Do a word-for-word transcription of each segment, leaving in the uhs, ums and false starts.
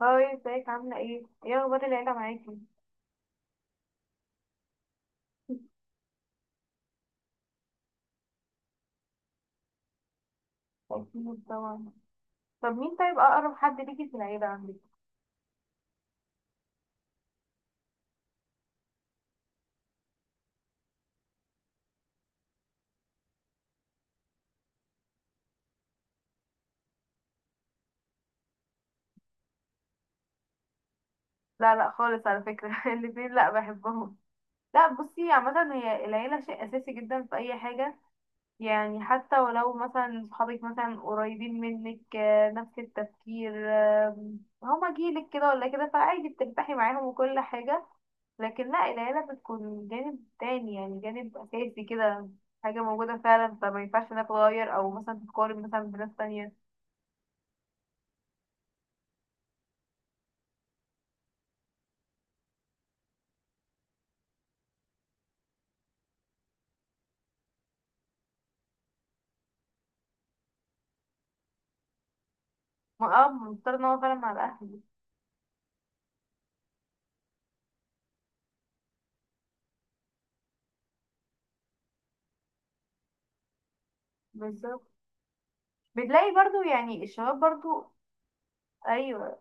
هاي، ازيك؟ عاملة ايه؟ ايه اخبار العيلة معاكي؟ أكيد طبعا. طب، مين طيب اقرب حد ليكي في العيلة عندك؟ لا لا خالص على فكرة. الاتنين لا بحبهم. لا، بصي، عامة هي العيلة شيء اساسي جدا في اي حاجة، يعني حتى ولو مثلا صحابك مثلا قريبين منك، آه، نفس التفكير، آه، هما جيلك كده ولا كده. فعادي بترتاحي معاهم وكل حاجة، لكن لا، العيلة بتكون جانب تاني، يعني جانب أساسي كده، حاجة موجودة فعلا، فما ينفعش انها تتغير أو مثلا تتقارن مثلا بناس تانية. ما اه مضطر ان هو فعلا مع الأهل. بالظبط. بتلاقي برضو يعني الشباب برضو. أيوة،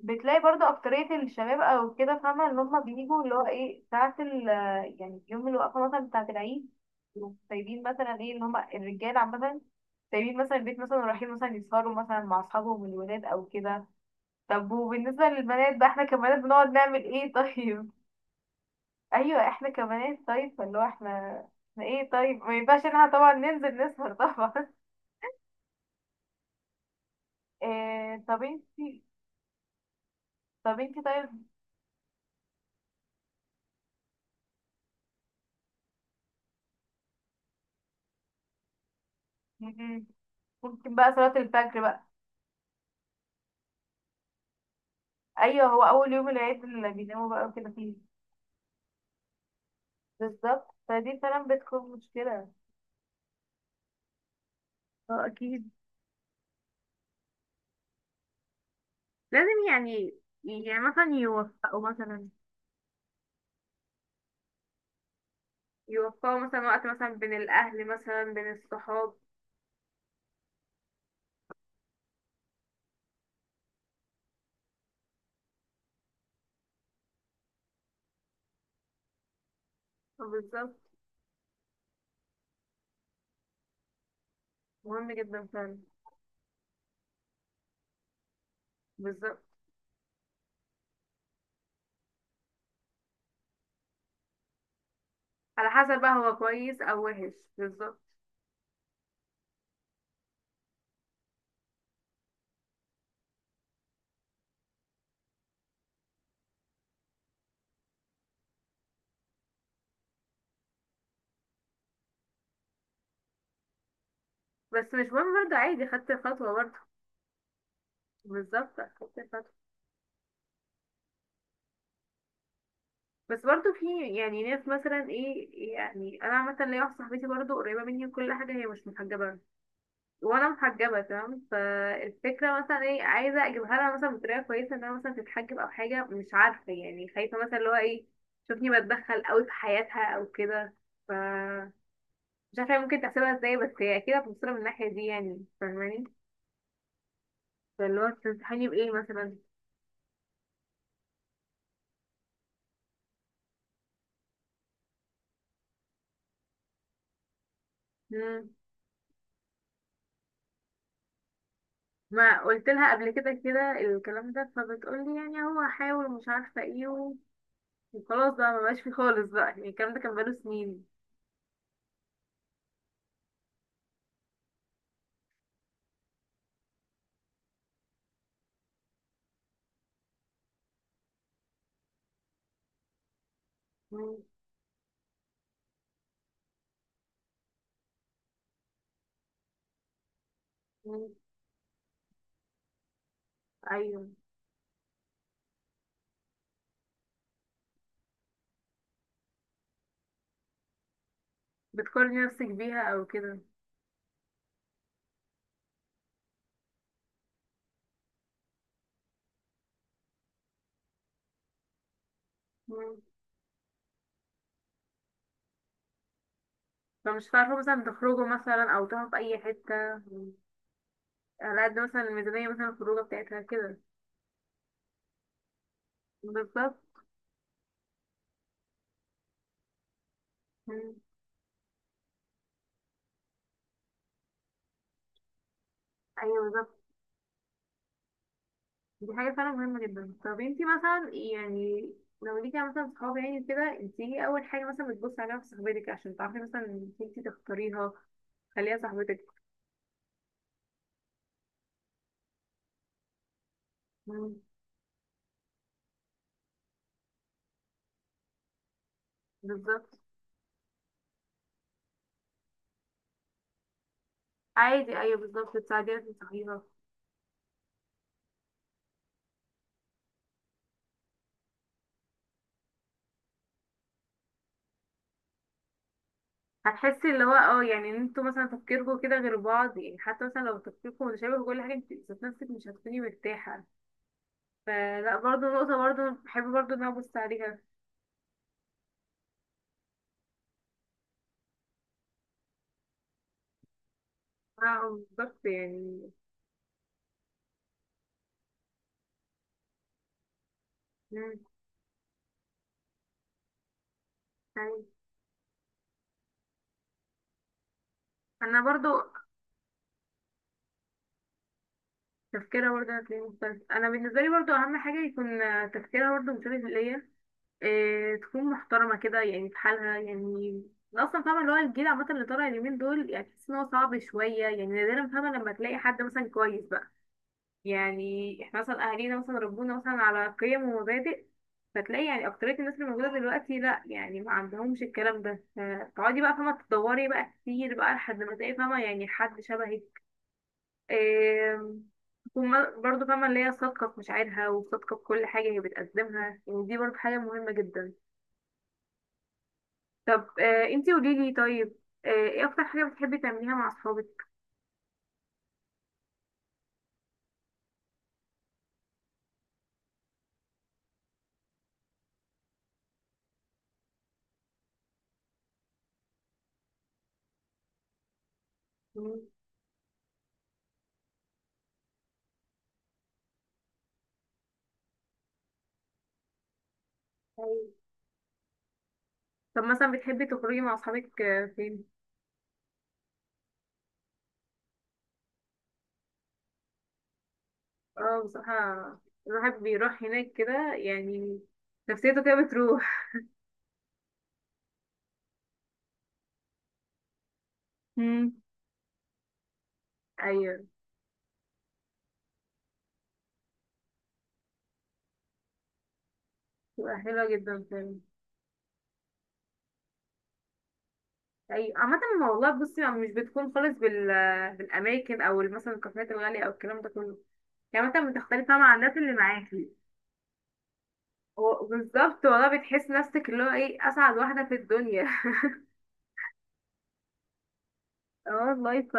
بتلاقي برضو أكترية الشباب أو كده فاهمة إن هما بيجوا اللي هو إيه، ساعة ال، يعني يوم الوقفة مثلا بتاعة العيد، يقوموا سايبين مثلا، إيه، إن هما الرجالة عامة سايبين مثلا البيت مثلا، ورايحين مثلا يسهروا مثلا مع أصحابهم الولاد أو كده. طب وبالنسبة للبنات بقى، إحنا كبنات بنقعد نعمل إيه طيب؟ أيوة، إحنا كبنات طيب، فاللي هو إحنا إحنا إيه طيب، ما ينفعش إن إحنا طبعا ننزل نسهر طبعا. إيه طب إنتي، طب إنتي طيب، م- م- ممكن بقى صلاة الفجر بقى. ايوه، هو اول يوم العيد اللي بيناموا بقى وكده فيه. بالظبط، فدي فعلا بتكون مشكلة. اه اكيد. لازم يعني، يعني مثلا يوفقوا مثلا، يوفقوا مثلا وقت مثلا بين الاهل مثلا بين الصحاب. بالظبط. مهم جدا فعلا. بالظبط. على حسب بقى هو كويس او وحش، بالظبط. بس مش مهم برضه، عادي خدت الخطوه برضه. بالظبط، خدت الخطوه. بس برضه في يعني ناس مثلا، ايه يعني انا مثلا ليا واحده صاحبتي برضه قريبه مني وكل حاجه، هي مش محجبه وانا محجبه تمام، فالفكره مثلا ايه، عايزه اجيبها لها مثلا بطريقه كويسه انها مثلا تتحجب او حاجه، مش عارفه يعني، خايفه مثلا اللي هو ايه تشوفني بتدخل قوي في حياتها او كده. ف مش عارفه هي ممكن تحسبها ازاي، بس هي اكيد هتبصلها من الناحيه دي، يعني فاهماني. فاللي هو تنصحيني بايه مثلا؟ مم. ما قلت لها قبل كده كده الكلام ده، فبتقولي يعني هو هحاول ومش عارفه ايه و- وخلاص بقى، مبقاش فيه خالص بقى، يعني الكلام ده كان بقاله سنين. مم. مم. ايوه، بتقارني نفسك بيها او كده. مم. فمش هتعرفوا مثلا تخرجوا مثلا او تروحوا في اي حتة. مم. على قد مثلا الميزانية مثلا، الخروجة بتاعتها كده. بالظبط. مم. ايوه بالظبط. دي حاجة فعلا مهمة جدا. طب انتي مثلا يعني، لو ليكي مثلا صحاب يعني كده، انتي ايه اول حاجة مثلا بتبصي عليها في صاحبتك عشان تعرفي مثلا إنك انتي تختاريها، تخليها صاحبتك؟ مم. بالظبط. عادي ايوه، بالظبط تساعديها في صاحبها. هتحسي اللي هو، اه يعني ان انتوا مثلا تفكيركم كده غير بعض، يعني حتى مثلا لو تفكيركم متشابه في كل حاجة، انت ذات نفسك مش هتكوني مرتاحة. فلا، برضه نقطة برضه بحب برضه ان انا ابص عليها. اه بالظبط، يعني. مم. طيب. انا برضه تفكيرها برضه هتلاقيه مختلف. انا بالنسبة لي برضه اهم حاجة يكون تفكيرها برضه مشابه ليا، إيه، تكون محترمة كده يعني في حالها يعني. أنا اصلا فاهمه اللي هو الجيل عامه اللي طالع اليومين دول، يعني تحس ان هو صعب شويه يعني، نادرا فاهمه لما تلاقي حد مثلا كويس بقى. يعني احنا مثلا اهالينا مثلا ربونا مثلا على قيم ومبادئ، فتلاقي يعني اكترية الناس اللي موجودة دلوقتي لا يعني ما عندهمش الكلام ده، فتقعدي بقى فاهمة تدوري بقى كتير بقى لحد ما تلاقي فاهمة يعني حد شبهك. آم، تكون م- برضه فاهمة اللي هي صادقة في مشاعرها وصادقة في كل حاجة هي بتقدمها، يعني دي برضه حاجة مهمة جدا. طب، آه، انتي قوليلي طيب، آه، ايه اكتر حاجة بتحبي تعمليها مع اصحابك؟ مم. طيب. طب مثلا بتحبي تخرجي مع اصحابك آه، فين؟ اه بصراحة الواحد بيروح هناك كده يعني، نفسيته كده بتروح. امم ايوه، بتبقى حلوة جدا فعلا. ايوه عامة، ما والله بصي، ما مش بتكون خالص بال، بالأماكن أو مثلا الكافيهات الغالية أو الكلام ده كله، يعني مثلا بتختلف بقى مع الناس اللي معاكي. هو بالظبط، والله بتحس نفسك اللي هو ايه أسعد واحدة في الدنيا. اه والله. ف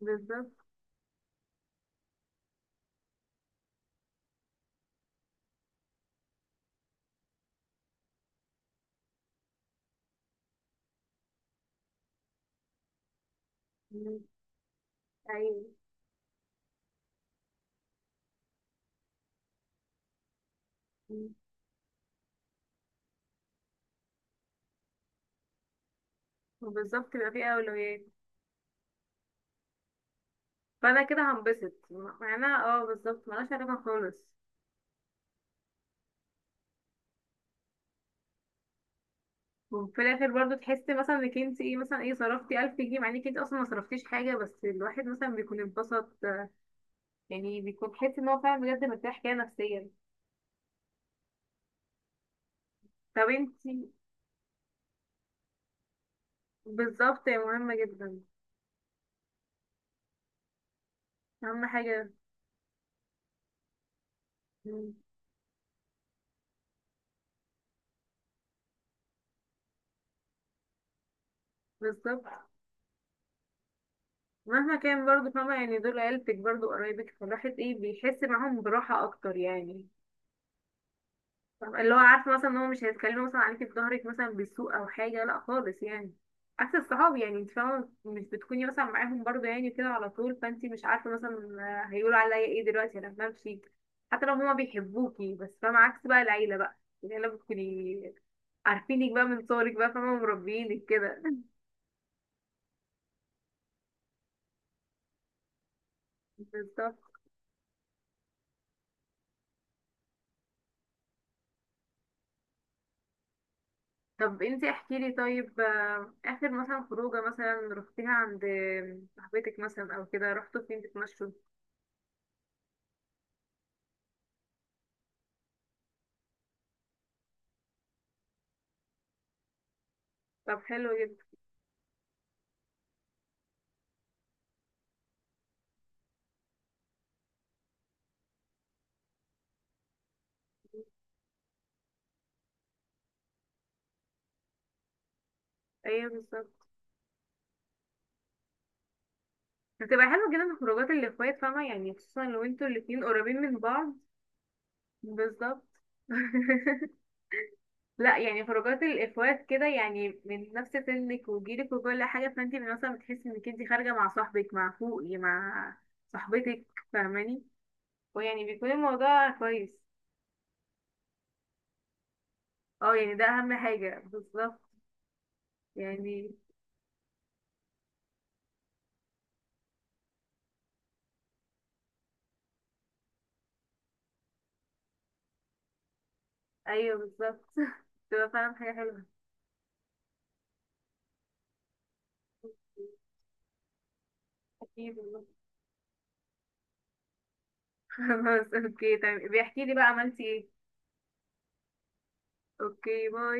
بالظبط. مم. ايوه. مم. وبالظبط بيبقى فيه أولويات. فأنا كده هنبسط، مع إنها اه بالظبط ملهاش علاقة خالص. وفي الاخر برضو تحسي مثلا انك انت، ايه مثلا، ايه صرفتي ألف جنيه، مع انك انت اصلا ما صرفتيش حاجه، بس الواحد مثلا بيكون انبسط. يعني بيكون تحس ان هو فعلا بجد مرتاح كده نفسيا. طب انت، بالظبط هي مهمه جدا. اهم حاجه. مم، بالظبط. مهما كان برضو فاهمه، يعني دول عيلتك برضو، قرايبك، فالواحد ايه بيحس معاهم براحه اكتر يعني. طب اللي هو عارفه مثلا ان هو مش هيتكلموا مثلا عليكي في ظهرك مثلا بالسوء او حاجه، لا خالص يعني. عكس الصحاب، يعني انت فاهمه مش بتكوني مثلا معاهم برضه يعني كده على طول، فانت مش عارفه مثلا آه، هيقولوا عليا ايه دلوقتي لما امشي. حتى لو هما بيحبوكي، بس فاهمه عكس بقى العيله بقى. العيله بتكوني عارفينك بقى من صغرك بقى، فاهمه مربيينك كده. بالظبط. طب انت احكي لي طيب، آه، اخر مثلا خروجه مثلا رحتيها عند صاحبتك مثلا او كده، رحتوا فين تتمشوا؟ طب حلو جدا. ايوه بالظبط. بتبقى حلوة جدا خروجات الإخوات، فاهمة يعني، خصوصا لو انتوا الاتنين قريبين من بعض. بالظبط. لا يعني خروجات الإخوات كده يعني من نفس سنك وجيلك وكل حاجة، فانت مثلا بتحسي انك انت خارجة مع صاحبك، مع فوقي، مع صاحبتك، فاهماني؟ ويعني بيكون الموضوع كويس. اه يعني ده أهم حاجة، بالظبط يعني. أيوه بالظبط. تبقى فعلا حاجة حلوة. أكيد والله. خلاص، اوكي طيب، بيحكي لي بقى عملتي ايه. اوكي، باي.